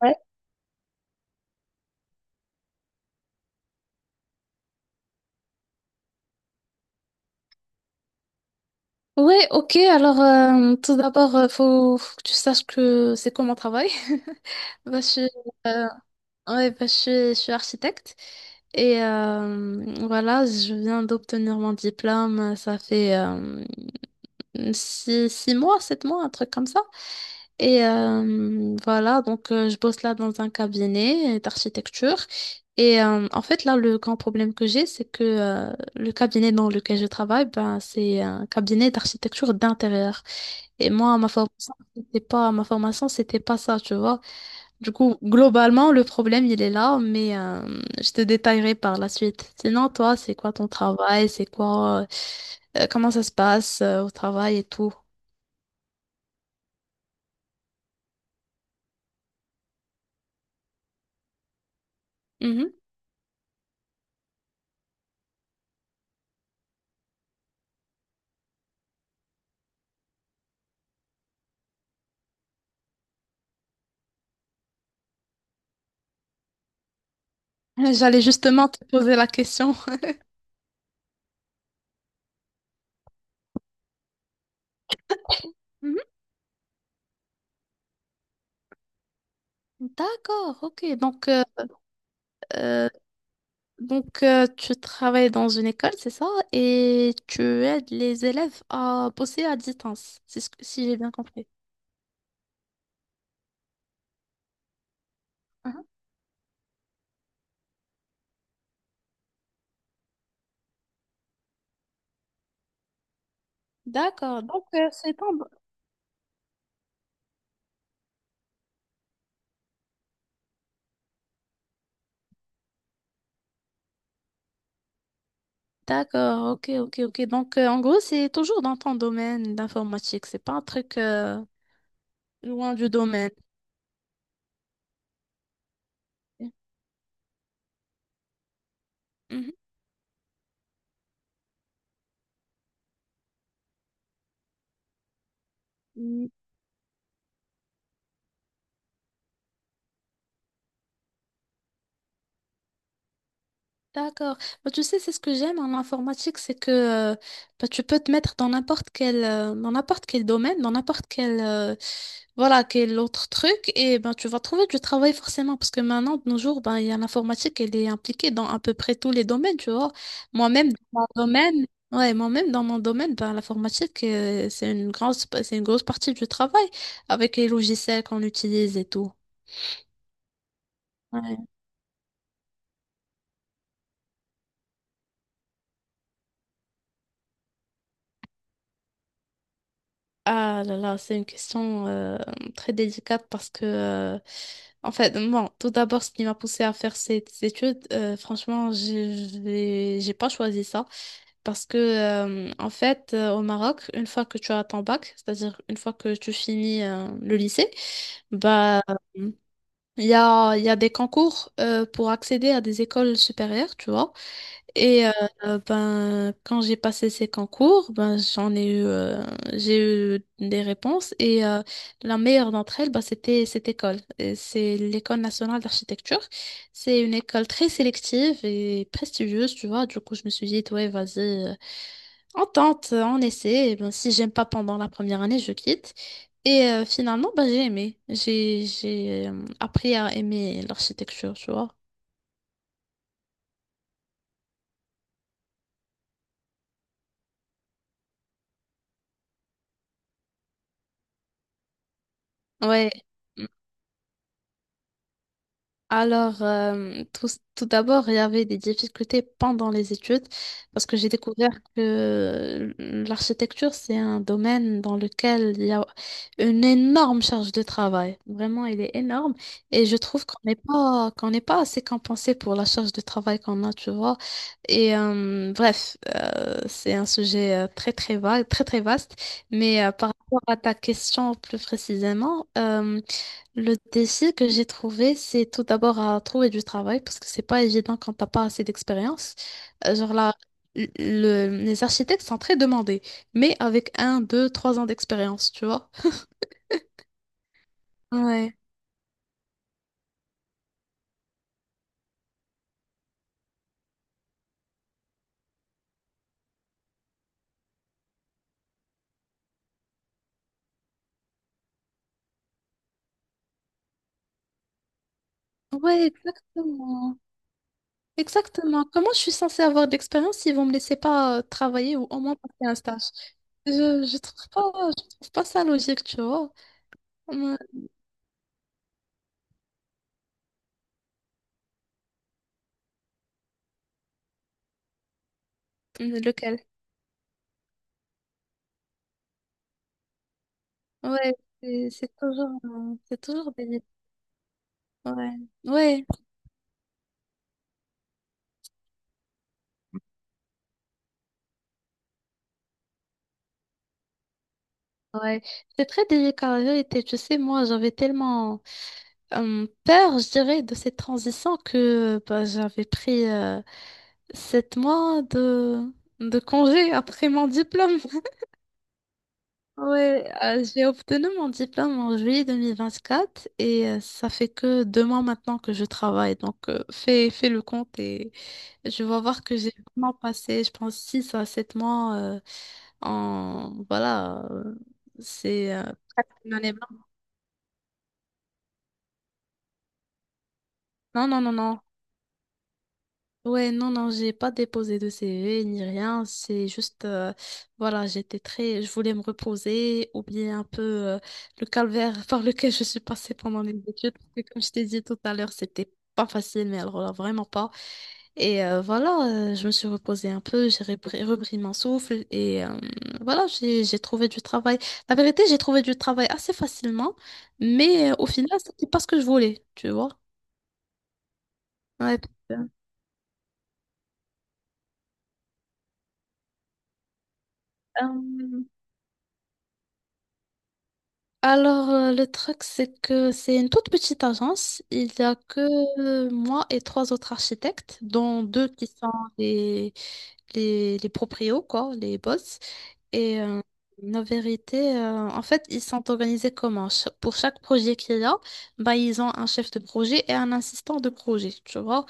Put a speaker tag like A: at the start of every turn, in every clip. A: Ouais. Ouais, ok. Alors, tout d'abord, faut que tu saches que c'est quoi mon travail. Bah, euh, ouais, bah, je suis architecte et voilà, je viens d'obtenir mon diplôme. Ça fait six mois, 7 mois, un truc comme ça. Et voilà, donc je bosse là dans un cabinet d'architecture. Et en fait, là, le grand problème que j'ai, c'est que le cabinet dans lequel je travaille, ben, c'est un cabinet d'architecture d'intérieur. Et moi, ma formation, c'était pas ça, tu vois. Du coup, globalement, le problème, il est là, mais je te détaillerai par la suite. Sinon, toi, c'est quoi ton travail? Comment ça se passe au travail et tout? Mhm. J'allais justement te poser la question. Mhm. D'accord, ok. Euh, donc, tu travailles dans une école, c'est ça? Et tu aides les élèves à bosser à distance, si j'ai bien compris. Mhm. D'accord, D'accord, ok, ok, ok. Donc, en gros, c'est toujours dans ton domaine d'informatique. C'est pas un truc loin du domaine. Mhm. D'accord. Bah, tu sais, c'est ce que j'aime en informatique, c'est que bah, tu peux te mettre dans n'importe quel domaine, voilà, quel autre truc, et ben tu vas trouver du travail forcément, parce que maintenant, de nos jours, ben, il y a l'informatique, elle est impliquée dans à peu près tous les domaines, tu vois. Moi-même, dans mon domaine, ouais, moi-même, dans mon domaine, ben, l'informatique, c'est une grosse partie du travail, avec les logiciels qu'on utilise et tout. Ouais. Ah là là, c'est une question très délicate parce que, en fait, bon, tout d'abord, ce qui m'a poussée à faire cette étude, franchement, j'ai pas choisi ça parce que, en fait, au Maroc, une fois que tu as ton bac, c'est-à-dire une fois que tu finis le lycée, bah, il y a des concours pour accéder à des écoles supérieures, tu vois. Et ben, quand j'ai passé ces concours, ben, j'ai eu des réponses et la meilleure d'entre elles, ben, c'était cette école. Et c'est l'École nationale d'architecture. C'est une école très sélective et prestigieuse, tu vois. Du coup, je me suis dit, ouais, vas-y, euh, on tente, on essaie. Et ben, si j'aime pas pendant la première année, je quitte. Et finalement, ben, j'ai aimé. J'ai appris à aimer l'architecture, tu vois. Ouais. Alors, tout d'abord, il y avait des difficultés pendant les études parce que j'ai découvert que l'architecture, c'est un domaine dans lequel il y a une énorme charge de travail. Vraiment, elle est énorme et je trouve qu'on n'est pas assez compensé pour la charge de travail qu'on a, tu vois. Et bref, c'est un sujet très, très vague, très, très vaste. Mais par rapport à ta question plus précisément, le défi que j'ai trouvé, c'est tout d'abord à trouver du travail parce que c'est pas évident quand t'as pas assez d'expérience. Genre là, les architectes sont très demandés, mais avec 1, 2, 3 ans d'expérience, tu vois. Ouais. Ouais, exactement. Exactement. Comment je suis censée avoir de l'expérience s'ils vont me laisser pas travailler ou au moins passer un stage? Je, je trouve pas, je trouve pas ça logique, tu vois. Ouais. Lequel? Ouais, c'est toujours des... Ouais. Ouais. Ouais, c'est très délicat la vérité. Tu sais, moi, j'avais tellement peur, je dirais, de cette transition que bah, j'avais pris 7 mois de congé après mon diplôme. Ouais, j'ai obtenu mon diplôme en juillet 2024 et ça fait que 2 mois maintenant que je travaille. Donc, fais le compte et je vais voir que j'ai vraiment passé, je pense, 6 à 7 mois en... Voilà, c'est... euh, presque une année blanche. Non, non, non, non. Ouais, non, non, j'ai pas déposé de CV ni rien. C'est juste, voilà, je voulais me reposer, oublier un peu euh, le calvaire par lequel je suis passée pendant les études. Parce que comme je t'ai dit tout à l'heure, c'était pas facile, mais alors là, vraiment pas. Et voilà, je me suis reposée un peu, j'ai repris mon souffle et voilà, j'ai trouvé du travail. La vérité, j'ai trouvé du travail assez facilement, mais au final, c'était pas ce que je voulais, tu vois. Ouais. Euh, Alors, le truc, c'est que c'est une toute petite agence. Il n'y a que moi et trois autres architectes, dont deux qui sont les, les proprios, quoi, les boss. Et la vérité, en fait, ils sont organisés comment? Pour chaque projet qu'il y a, bah, ils ont un chef de projet et un assistant de projet, tu vois.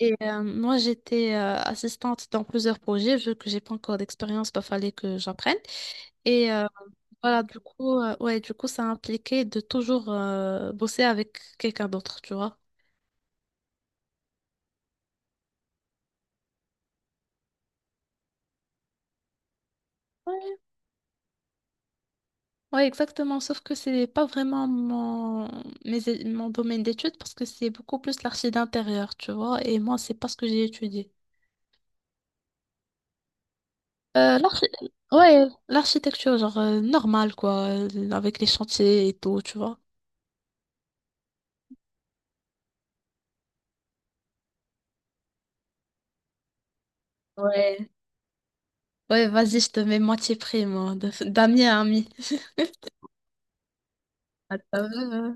A: Et moi, j'étais assistante dans plusieurs projets, vu que j'ai pas encore d'expérience, bah, fallait que j'apprenne. Et voilà, ouais, du coup, ça impliquait de toujours bosser avec quelqu'un d'autre, tu vois. Ouais, ouais, exactement. Sauf que c'est pas vraiment mon domaine d'études parce que c'est beaucoup plus l'archi d'intérieur, tu vois. Et moi, c'est pas ce que j'ai étudié. Euh, l'archi- ouais, l'architecture, genre normale, quoi, avec les chantiers et tout, tu vois. Ouais. Ouais, vas-y, je te mets moitié prix, moi, d'ami à ami. Ah, ça va.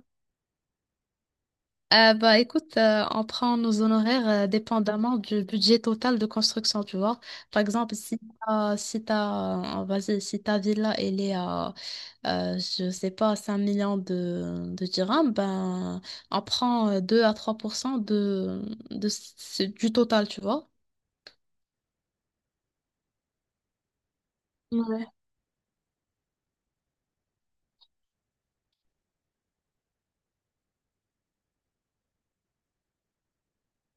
A: Bah, écoute, on prend nos honoraires dépendamment du budget total de construction, tu vois. Par exemple, si t'as, si t'as, vas-y, si ta villa elle est à, je sais pas, 5 millions de dirhams, ben on prend 2 à 3% du total, tu vois. Ouais.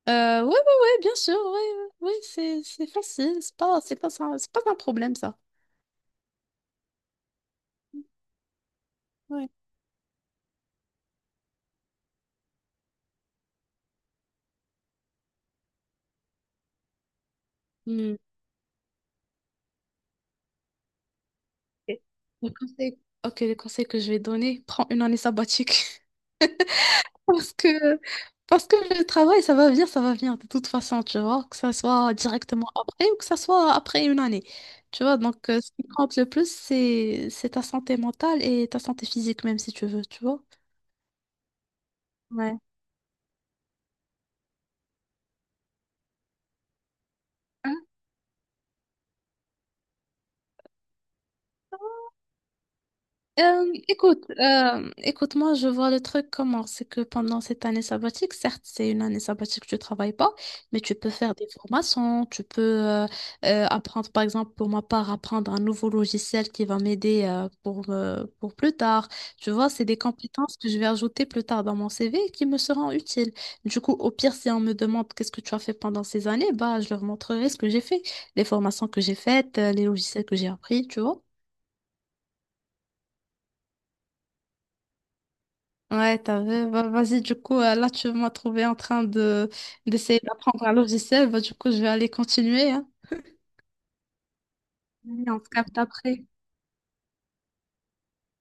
A: Ouais, ouais, ouais, bien sûr, ouais, ouais, ouais, c'est facile, c'est pas un problème ça. Ouais. Ok. Le conseil, ok, le conseil que je vais donner, prends une année sabbatique. Parce que, parce que le travail, ça va venir de toute façon, tu vois, que ça soit directement après ou que ça soit après une année. Tu vois, donc ce qui compte le plus, c'est ta santé mentale et ta santé physique, même si tu veux, tu vois. Ouais. Écoute, moi je vois le truc comment, c'est que pendant cette année sabbatique, certes c'est une année sabbatique, tu travailles pas, mais tu peux faire des formations, tu peux apprendre, par exemple pour ma part, apprendre un nouveau logiciel qui va m'aider pour plus tard. Tu vois, c'est des compétences que je vais ajouter plus tard dans mon CV et qui me seront utiles. Du coup, au pire, si on me demande qu'est-ce que tu as fait pendant ces années, bah je leur montrerai ce que j'ai fait, les formations que j'ai faites, les logiciels que j'ai appris, tu vois. Ouais, t'as vu. Bah, vas-y, du coup, là, tu m'as trouvé en train de d'essayer d'apprendre un logiciel. Bah, du coup, je vais aller continuer, hein. Oui, on se capte après.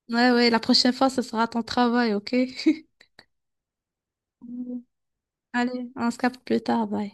A: Ouais, ouais, la prochaine fois, ce sera ton travail, ok? Mm. Allez, on se capte plus tard, bye.